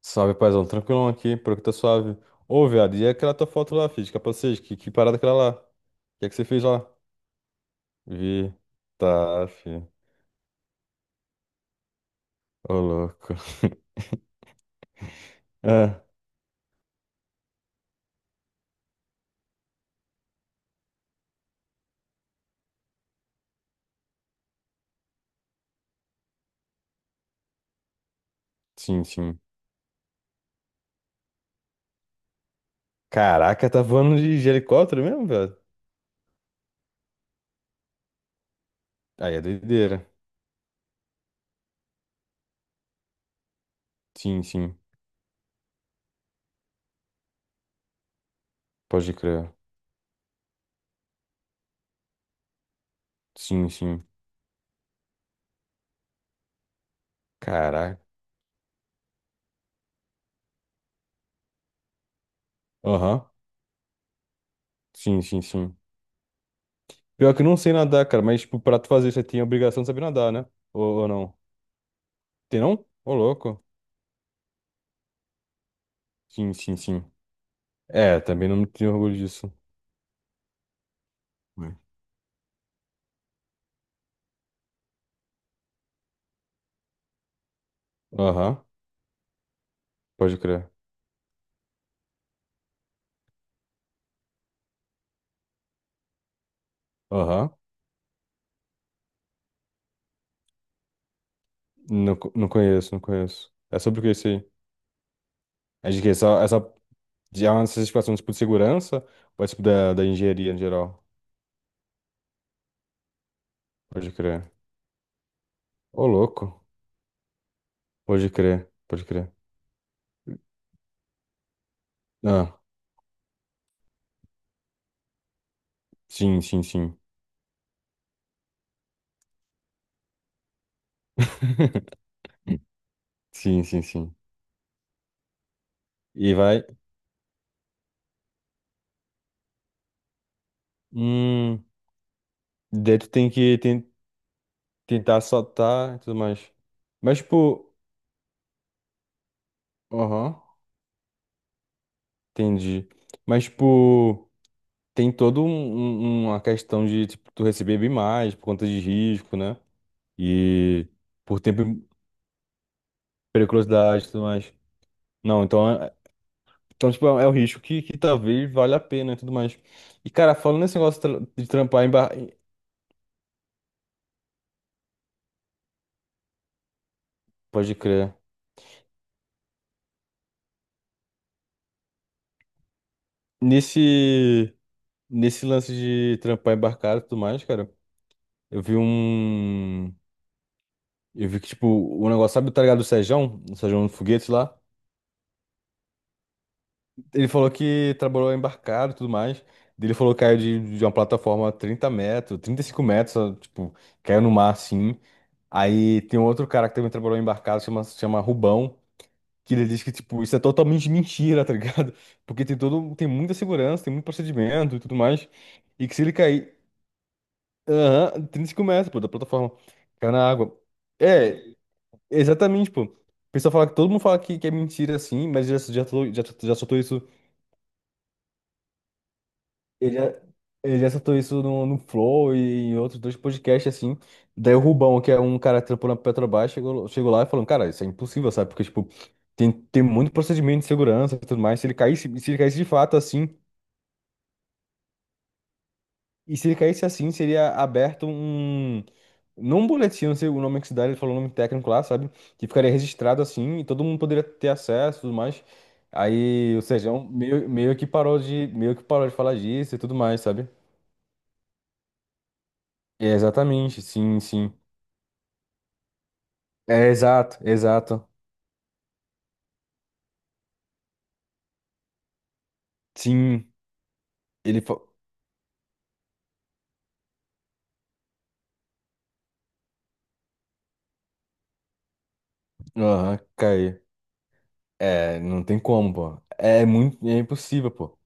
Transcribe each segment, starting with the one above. Salve, paizão, tranquilão aqui, por que tá suave. Ô, viado, e aquela tua foto lá, filho, de capacete, que parada aquela lá? O que é que você fez lá? Vi, tá, filho, ô louco. Ah, sim, sim. Caraca, tá voando de helicóptero mesmo, velho? Aí é doideira. Sim, sim, pode crer. Sim, sim, caraca. Aham, sim, sim, sim. Pior que eu não sei nadar, cara, mas, tipo, pra tu fazer, você tem a obrigação de saber nadar, né? Ou não? Tem não? Ô, louco. Sim, sim, sim. É, também não me tenho orgulho disso. Né? Aham, pode crer. Aham, não, não conheço, não conheço. É sobre o que isso aí? É de que já é uma certificação tipo de segurança ou é tipo da engenharia em geral? Pode crer. Ô, louco. Pode crer, pode crer. Ah, sim, sim, sim. Sim, sim, sim. E vai. Hum, daí tu tem que ten- tentar soltar e tudo mais. Mas, tipo. Aham, entendi. Mas, tipo, tem todo uma questão de tipo, tu receber bem mais por conta de risco, né? E por tempo, e periculosidade e tudo mais. Não, então, é, então tipo, é um risco que talvez valha a pena e tudo mais. E, cara, falando nesse negócio de trampar em pode crer. Nesse, nesse lance de trampar embarcado e tudo mais, cara, eu vi um... Eu vi que, tipo, o negócio, sabe, tá ligado? O Sejão do Foguete lá. Ele falou que trabalhou embarcado e tudo mais. Ele falou que caiu de uma plataforma 30 metros, 35 metros, ó, tipo, caiu no mar assim. Aí tem outro cara que também trabalhou embarcado, chama Rubão, que ele diz que, tipo, isso é totalmente mentira, tá ligado? Porque tem todo, tem muita segurança, tem muito procedimento e tudo mais. E que se ele cair, aham, 35 metros, pô, da plataforma, caiu na água. É, exatamente, pô. O pessoal fala que todo mundo fala que é mentira assim, mas já soltou isso. Ele já, ele já soltou isso no Flow e em outros dois podcasts, assim. Daí o Rubão, que é um cara que trampou na Petrobras, chegou lá e falou, cara, isso é impossível, sabe? Porque, tipo, tem muito procedimento de segurança e tudo mais. Se ele caísse de fato assim, e se ele caísse assim, seria aberto um... Não, um boletim, não sei o nome que se dá, ele falou o nome técnico lá, sabe? Que ficaria registrado assim, e todo mundo poderia ter acesso e tudo mais. Aí, ou seja, é um meio, meio que parou de falar disso e tudo mais, sabe? É, exatamente, sim, sim. É, exato, exato. Sim, ele falou. Aham, caiu. É, não tem como, pô. É muito, é impossível, pô.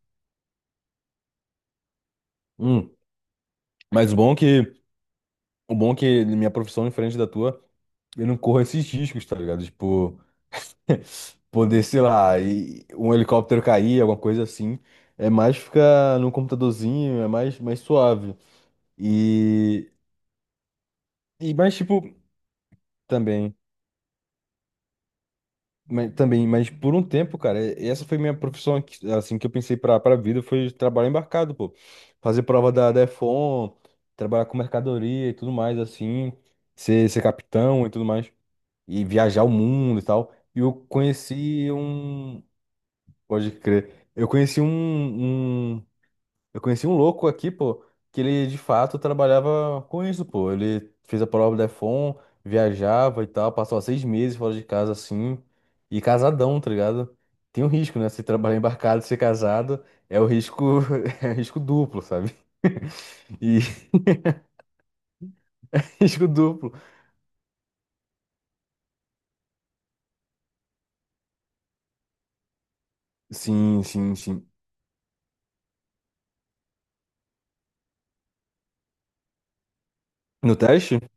Hum. Mas o bom é que minha profissão é diferente da tua, eu não corro esses riscos, tá ligado? Tipo, poder, sei lá, e um helicóptero cair, alguma coisa assim. É mais ficar no computadorzinho, é mais, mais suave. E, e mais, tipo, também. Mas, também, mas por um tempo, cara, essa foi minha profissão, assim, que eu pensei pra vida, foi trabalho embarcado, pô. Fazer prova da DEFON, trabalhar com mercadoria e tudo mais, assim, ser capitão e tudo mais, e viajar o mundo e tal. E eu conheci um, pode crer, eu conheci eu conheci um louco aqui, pô, que ele de fato trabalhava com isso, pô. Ele fez a prova da Defon, viajava e tal, passou 6 meses fora de casa assim, e casadão, tá ligado? Tem um risco, né? Se trabalhar embarcado, ser casado, é o risco, é risco duplo, sabe? E risco duplo. Sim, sim, sim. No teste?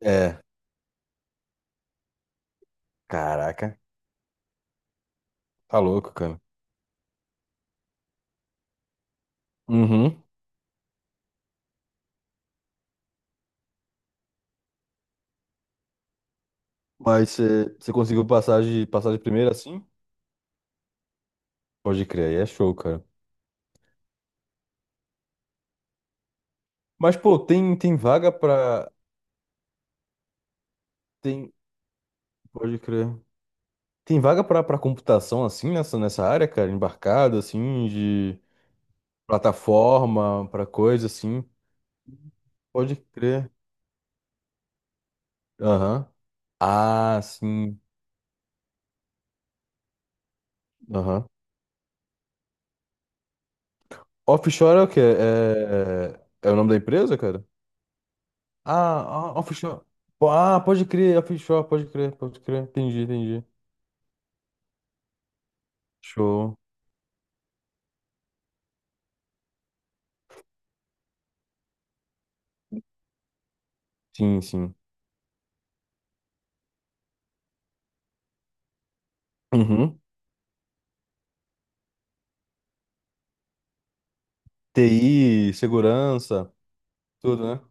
É. Caraca, tá louco, cara. Uhum. Mas você conseguiu passar passar de primeira assim? Pode crer, aí é show, cara. Mas, pô, tem vaga pra. Tem. Pode crer. Tem vaga pra computação, assim, nessa área, cara? Embarcado, assim, de plataforma, pra coisa, assim. Pode crer. Aham. Ah, sim. Aham. Offshore é o quê? É, é o nome da empresa, cara? Ah, ah, offshore. Pô, ah, pode crer, offshore, pode crer, pode crer. Entendi, entendi. Show. Sim, sim. Uhum. TI, segurança, tudo, né?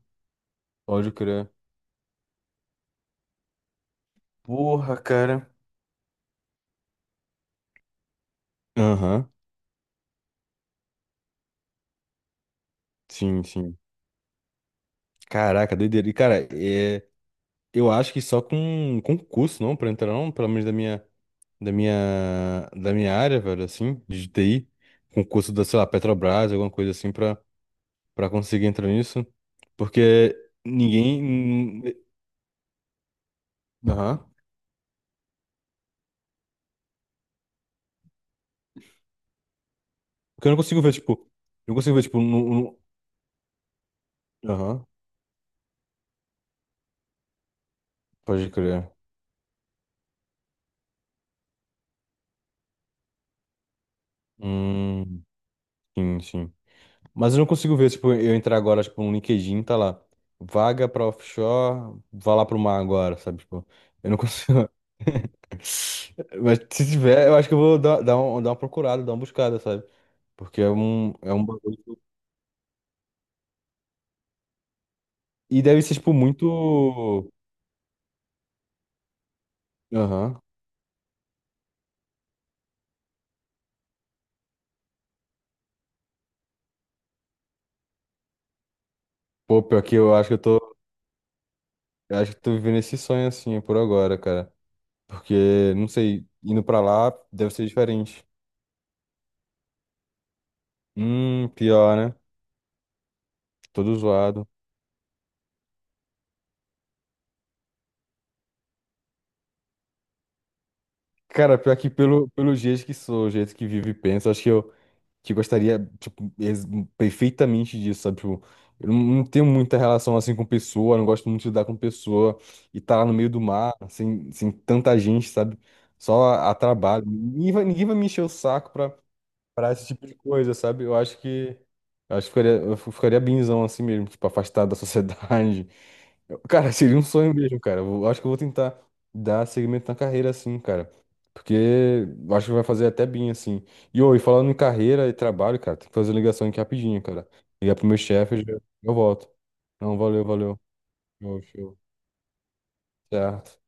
Pode crer. Porra, cara. Aham, sim, sim. Caraca, doideira. E, cara, é, eu acho que só com concurso, não, pra entrar, não, pelo menos da minha área, velho, assim, de TI, concurso da, sei lá, Petrobras, alguma coisa assim, pra, pra conseguir entrar nisso, porque ninguém, aham, porque eu não consigo ver, tipo, eu não consigo ver, tipo, no, aham, pode crer. Hum, sim, sim. Mas eu não consigo ver, tipo, eu entrar agora, tipo, no LinkedIn, tá lá. Vaga pra offshore, vá lá pro mar agora, sabe? Tipo, eu não consigo. Mas se tiver, eu acho que eu vou dar uma procurada, dar uma buscada, sabe? Porque é um bagulho. E deve ser, tipo, muito. Aham. Pô, pior que eu acho que eu tô. Eu acho que eu tô vivendo esse sonho assim é por agora, cara. Porque, não sei, indo pra lá deve ser diferente. Pior, né? Todo zoado. Cara, pior que pelo, pelo jeito que sou, o jeito que vivo e penso, acho que eu que gostaria, tipo, perfeitamente disso, sabe? Tipo, eu não tenho muita relação, assim, com pessoa, não gosto muito de lidar com pessoa, e tá lá no meio do mar, sem tanta gente, sabe? Só a trabalho. Ninguém vai me encher o saco pra, pra esse tipo de coisa, sabe? Eu acho que ficaria, eu ficaria binzão assim mesmo, tipo, afastado da sociedade. Cara, seria um sonho mesmo, cara. Eu acho que eu vou tentar dar segmento na carreira assim, cara. Porque eu acho que vai fazer até bem assim. E, ô, e falando em carreira e trabalho, cara, tem que fazer ligação aqui rapidinho, cara. Ligar pro meu chefe, eu volto. Não, valeu, valeu. Show, show. Certo.